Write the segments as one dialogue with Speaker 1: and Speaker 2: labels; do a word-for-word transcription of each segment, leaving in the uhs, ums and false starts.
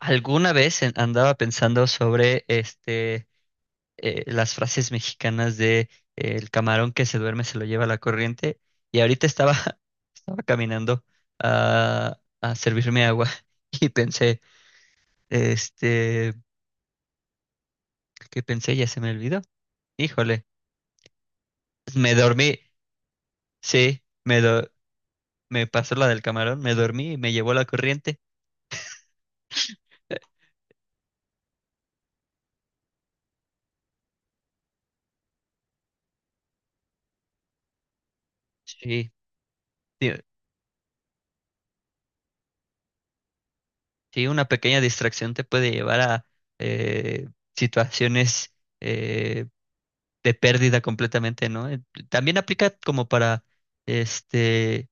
Speaker 1: Alguna vez en- andaba pensando sobre este eh, las frases mexicanas de eh, el camarón que se duerme se lo lleva la corriente y ahorita estaba, estaba caminando a, a servirme agua y pensé, este, ¿qué pensé? Ya se me olvidó. Híjole, me dormí, sí, me, do- me pasó la del camarón, me dormí y me llevó la corriente. Sí, Sí, una pequeña distracción te puede llevar a eh, situaciones eh, de pérdida completamente, ¿no? Eh, También aplica como para este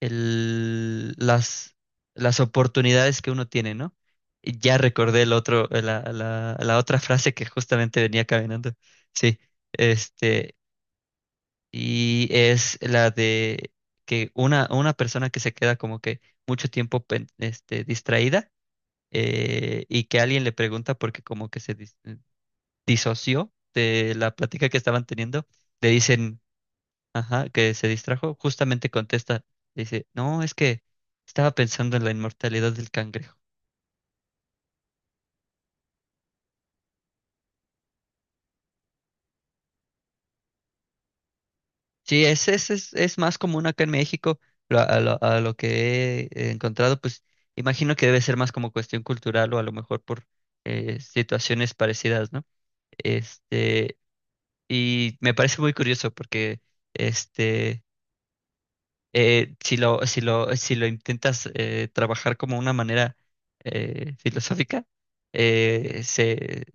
Speaker 1: el, las, las oportunidades que uno tiene, ¿no? Y Ya recordé el otro, eh, la, la, la otra frase que justamente venía caminando. Sí, este, y es la de que una, una persona que se queda como que mucho tiempo pen- este, distraída eh, y que alguien le pregunta porque como que se dis- eh, disoció de la plática que estaban teniendo, le dicen, ajá, que se distrajo, justamente contesta, dice, no, es que estaba pensando en la inmortalidad del cangrejo. Sí, es, es, es, es más común acá en México, lo- a, lo, a lo que he encontrado, pues imagino que debe ser más como cuestión cultural o a lo mejor por eh, situaciones parecidas, ¿no? Este, y me parece muy curioso porque, este, eh, si lo, si lo, si lo intentas eh, trabajar como una manera eh, filosófica, eh, se,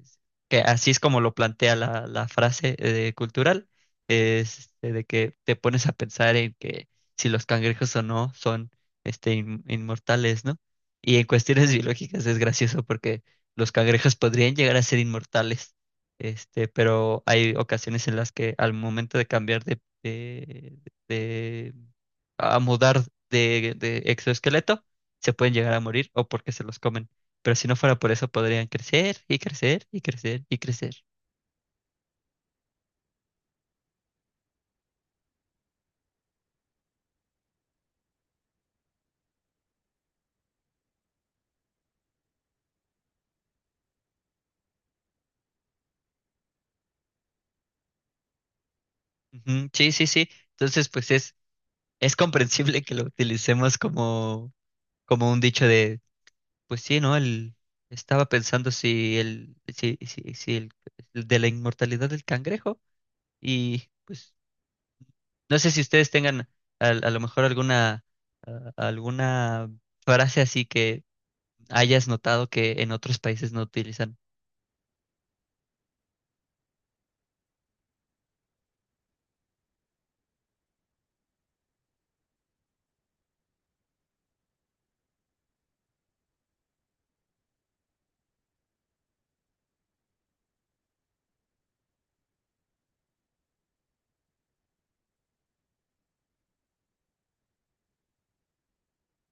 Speaker 1: que así es como lo plantea la, la frase eh, cultural, es, este, de que te pones a pensar en que si los cangrejos o no son este, in- inmortales, ¿no? Y en cuestiones biológicas es gracioso porque los cangrejos podrían llegar a ser inmortales. Este, pero hay ocasiones en las que al momento de cambiar de, de, de a mudar de, de exoesqueleto, se pueden llegar a morir o porque se los comen. Pero si no fuera por eso, podrían crecer y crecer y crecer y crecer. Ujú, sí, sí, sí. Entonces, pues es, es comprensible que lo utilicemos como, como un dicho de, pues sí, ¿no? El, estaba pensando si el, si, si, si el, el de la inmortalidad del cangrejo y pues no sé si ustedes tengan a, a lo mejor alguna, a- alguna frase así que hayas notado que en otros países no utilizan.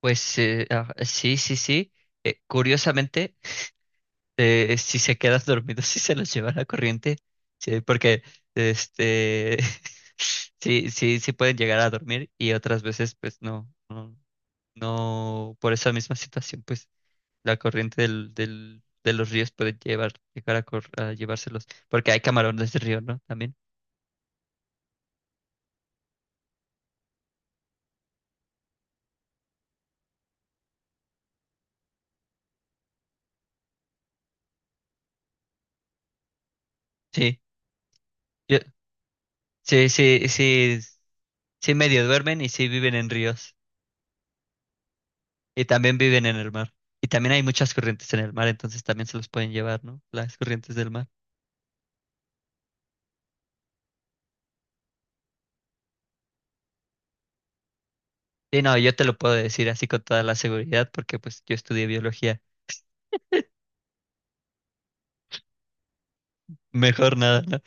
Speaker 1: Pues eh, ah, sí, sí, sí. Eh, curiosamente, eh, si se quedan dormidos, si se los lleva la corriente, sí, porque este, sí, sí, sí pueden llegar a dormir y otras veces, pues no, no, no, por esa misma situación, pues la corriente del, del, de los ríos puede llevar, llegar a, cor- a llevárselos, porque hay camarones de río, ¿no? También. Sí, yo- sí, sí, sí, sí medio duermen y sí viven en ríos. Y también viven en el mar. Y también hay muchas corrientes en el mar, entonces también se los pueden llevar, ¿no? Las corrientes del mar. Sí, no, yo te lo puedo decir así con toda la seguridad porque pues yo estudié biología. Mejor nada, ¿no?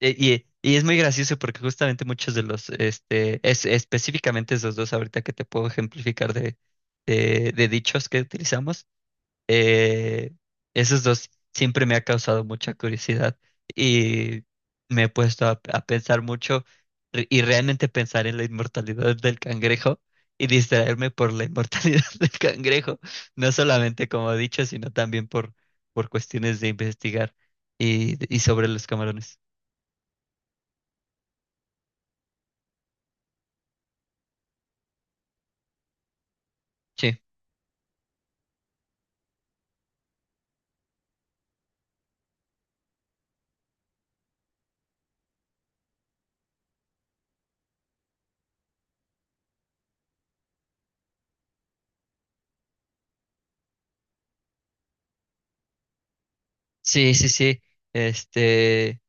Speaker 1: E- Y, y es muy gracioso porque justamente muchos de los, este, es, específicamente esos dos ahorita que te puedo ejemplificar de, de, de dichos que utilizamos. Eh, Esos dos siempre me ha causado mucha curiosidad y me he puesto a, a pensar mucho re- y realmente pensar en la inmortalidad del cangrejo y distraerme por la inmortalidad del cangrejo, no solamente como he dicho, sino también por, por cuestiones de investigar y, y sobre los camarones. Sí, sí, sí, sí. Este,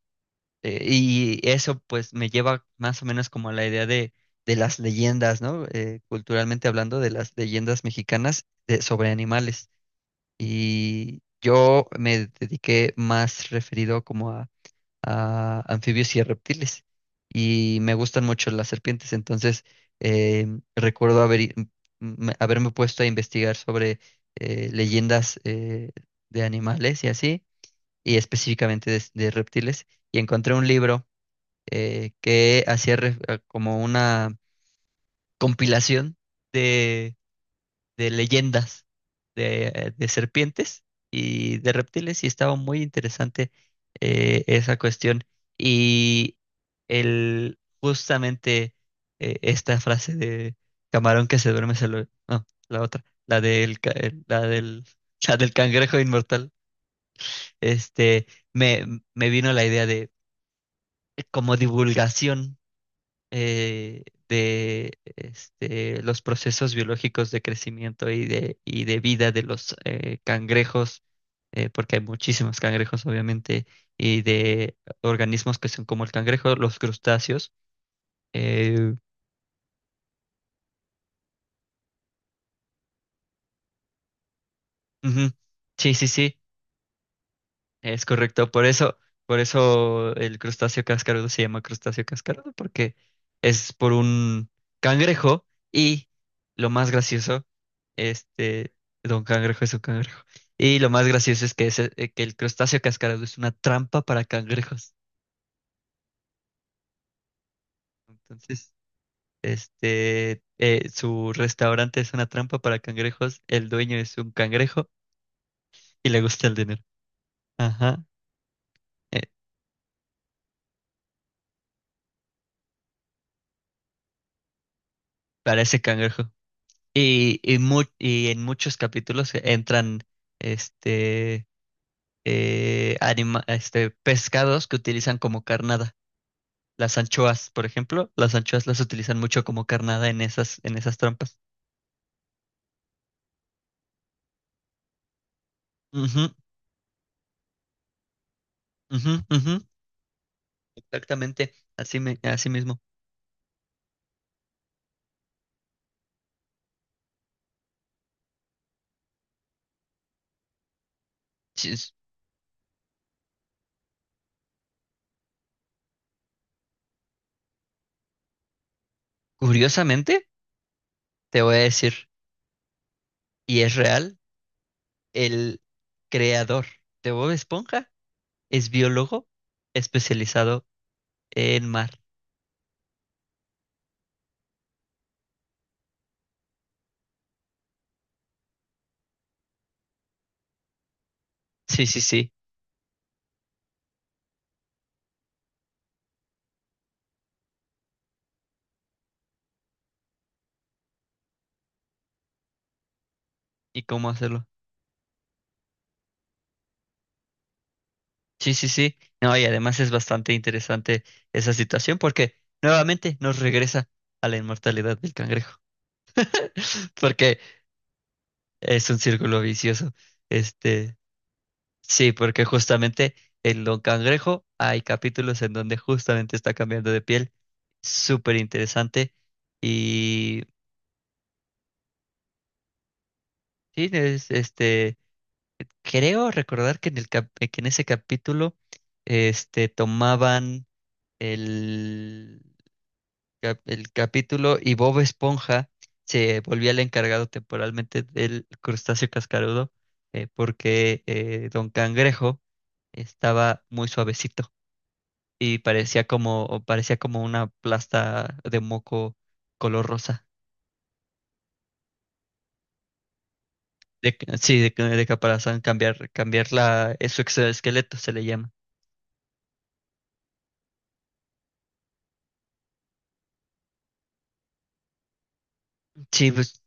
Speaker 1: Eh, y eso pues me lleva más o menos como a la idea de, de las leyendas, ¿no? Eh, culturalmente hablando de las leyendas mexicanas de- sobre animales. Y yo me dediqué más referido como a, a anfibios y a reptiles. Y me gustan mucho las serpientes, entonces eh, recuerdo haber, i- m- haberme puesto a investigar sobre eh, leyendas eh, de animales y así, y específicamente de de reptiles, y encontré un libro eh, que hacía ref- eh, como una compilación de, de leyendas de, eh, de serpientes y de reptiles y estaba muy interesante eh, esa cuestión. Y el, justamente eh, esta frase de camarón que se duerme se lo... No, la otra, la del, ca- el- la del, la del cangrejo inmortal. Este, me, me vino la idea de eh, como divulgación eh, de este, los procesos biológicos de crecimiento y de, y de vida de los eh, cangrejos, eh, porque hay muchísimos cangrejos, obviamente, y de organismos que son como el cangrejo, los crustáceos. Eh, ujú. Sí, sí, sí. Es correcto, por eso, por eso el crustáceo cascarudo se llama crustáceo cascarudo, porque es por un cangrejo y lo más gracioso, este, don cangrejo es un cangrejo. Y lo más gracioso es que, ese- eh, que el crustáceo cascarudo es una trampa para cangrejos. Entonces, este, eh, su restaurante es una trampa para cangrejos, el dueño es un cangrejo y le gusta el dinero. Ajá, eh, para ese cangrejo. Y, y, mu- y en muchos capítulos entran este, eh, anima- este, pescados que utilizan como carnada. Las anchoas, por ejemplo, las anchoas las utilizan mucho como carnada en esas, en esas trampas. Ujú, ujú, ujú, exactamente, así, me- así mismo. Sí, es- Curiosamente, te voy a decir, y es real, el creador de Bob Esponja es biólogo especializado en mar. Sí, sí, sí. ¿Y cómo hacerlo? Sí, sí, sí. No, y además es bastante interesante esa situación porque nuevamente nos regresa a la inmortalidad del cangrejo, porque es un círculo vicioso. Este, sí, porque justamente en Don Cangrejo hay capítulos en donde justamente está cambiando de piel. Súper interesante. Y sí, es- este, creo recordar que en el cap- que en ese capítulo, este, tomaban el cap- el capítulo y Bob Esponja se volvía el encargado temporalmente del crustáceo cascarudo, eh, porque eh, Don Cangrejo estaba muy suavecito y parecía como o parecía como una plasta de moco color rosa. De, ca- sí, de, ca- De caparazón, cambiar, cambiar la, eh, su exoesqueleto se le llama. Sí, pues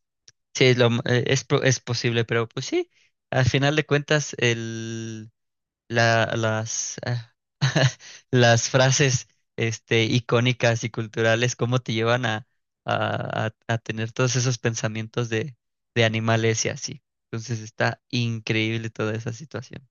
Speaker 1: sí, lo m- eh, es, po- es posible, pero pues sí, al final de cuentas el la- las, ah, las frases este, icónicas y culturales, cómo te llevan a, a, a- a tener todos esos pensamientos de, de animales y así. Entonces está increíble toda esa situación.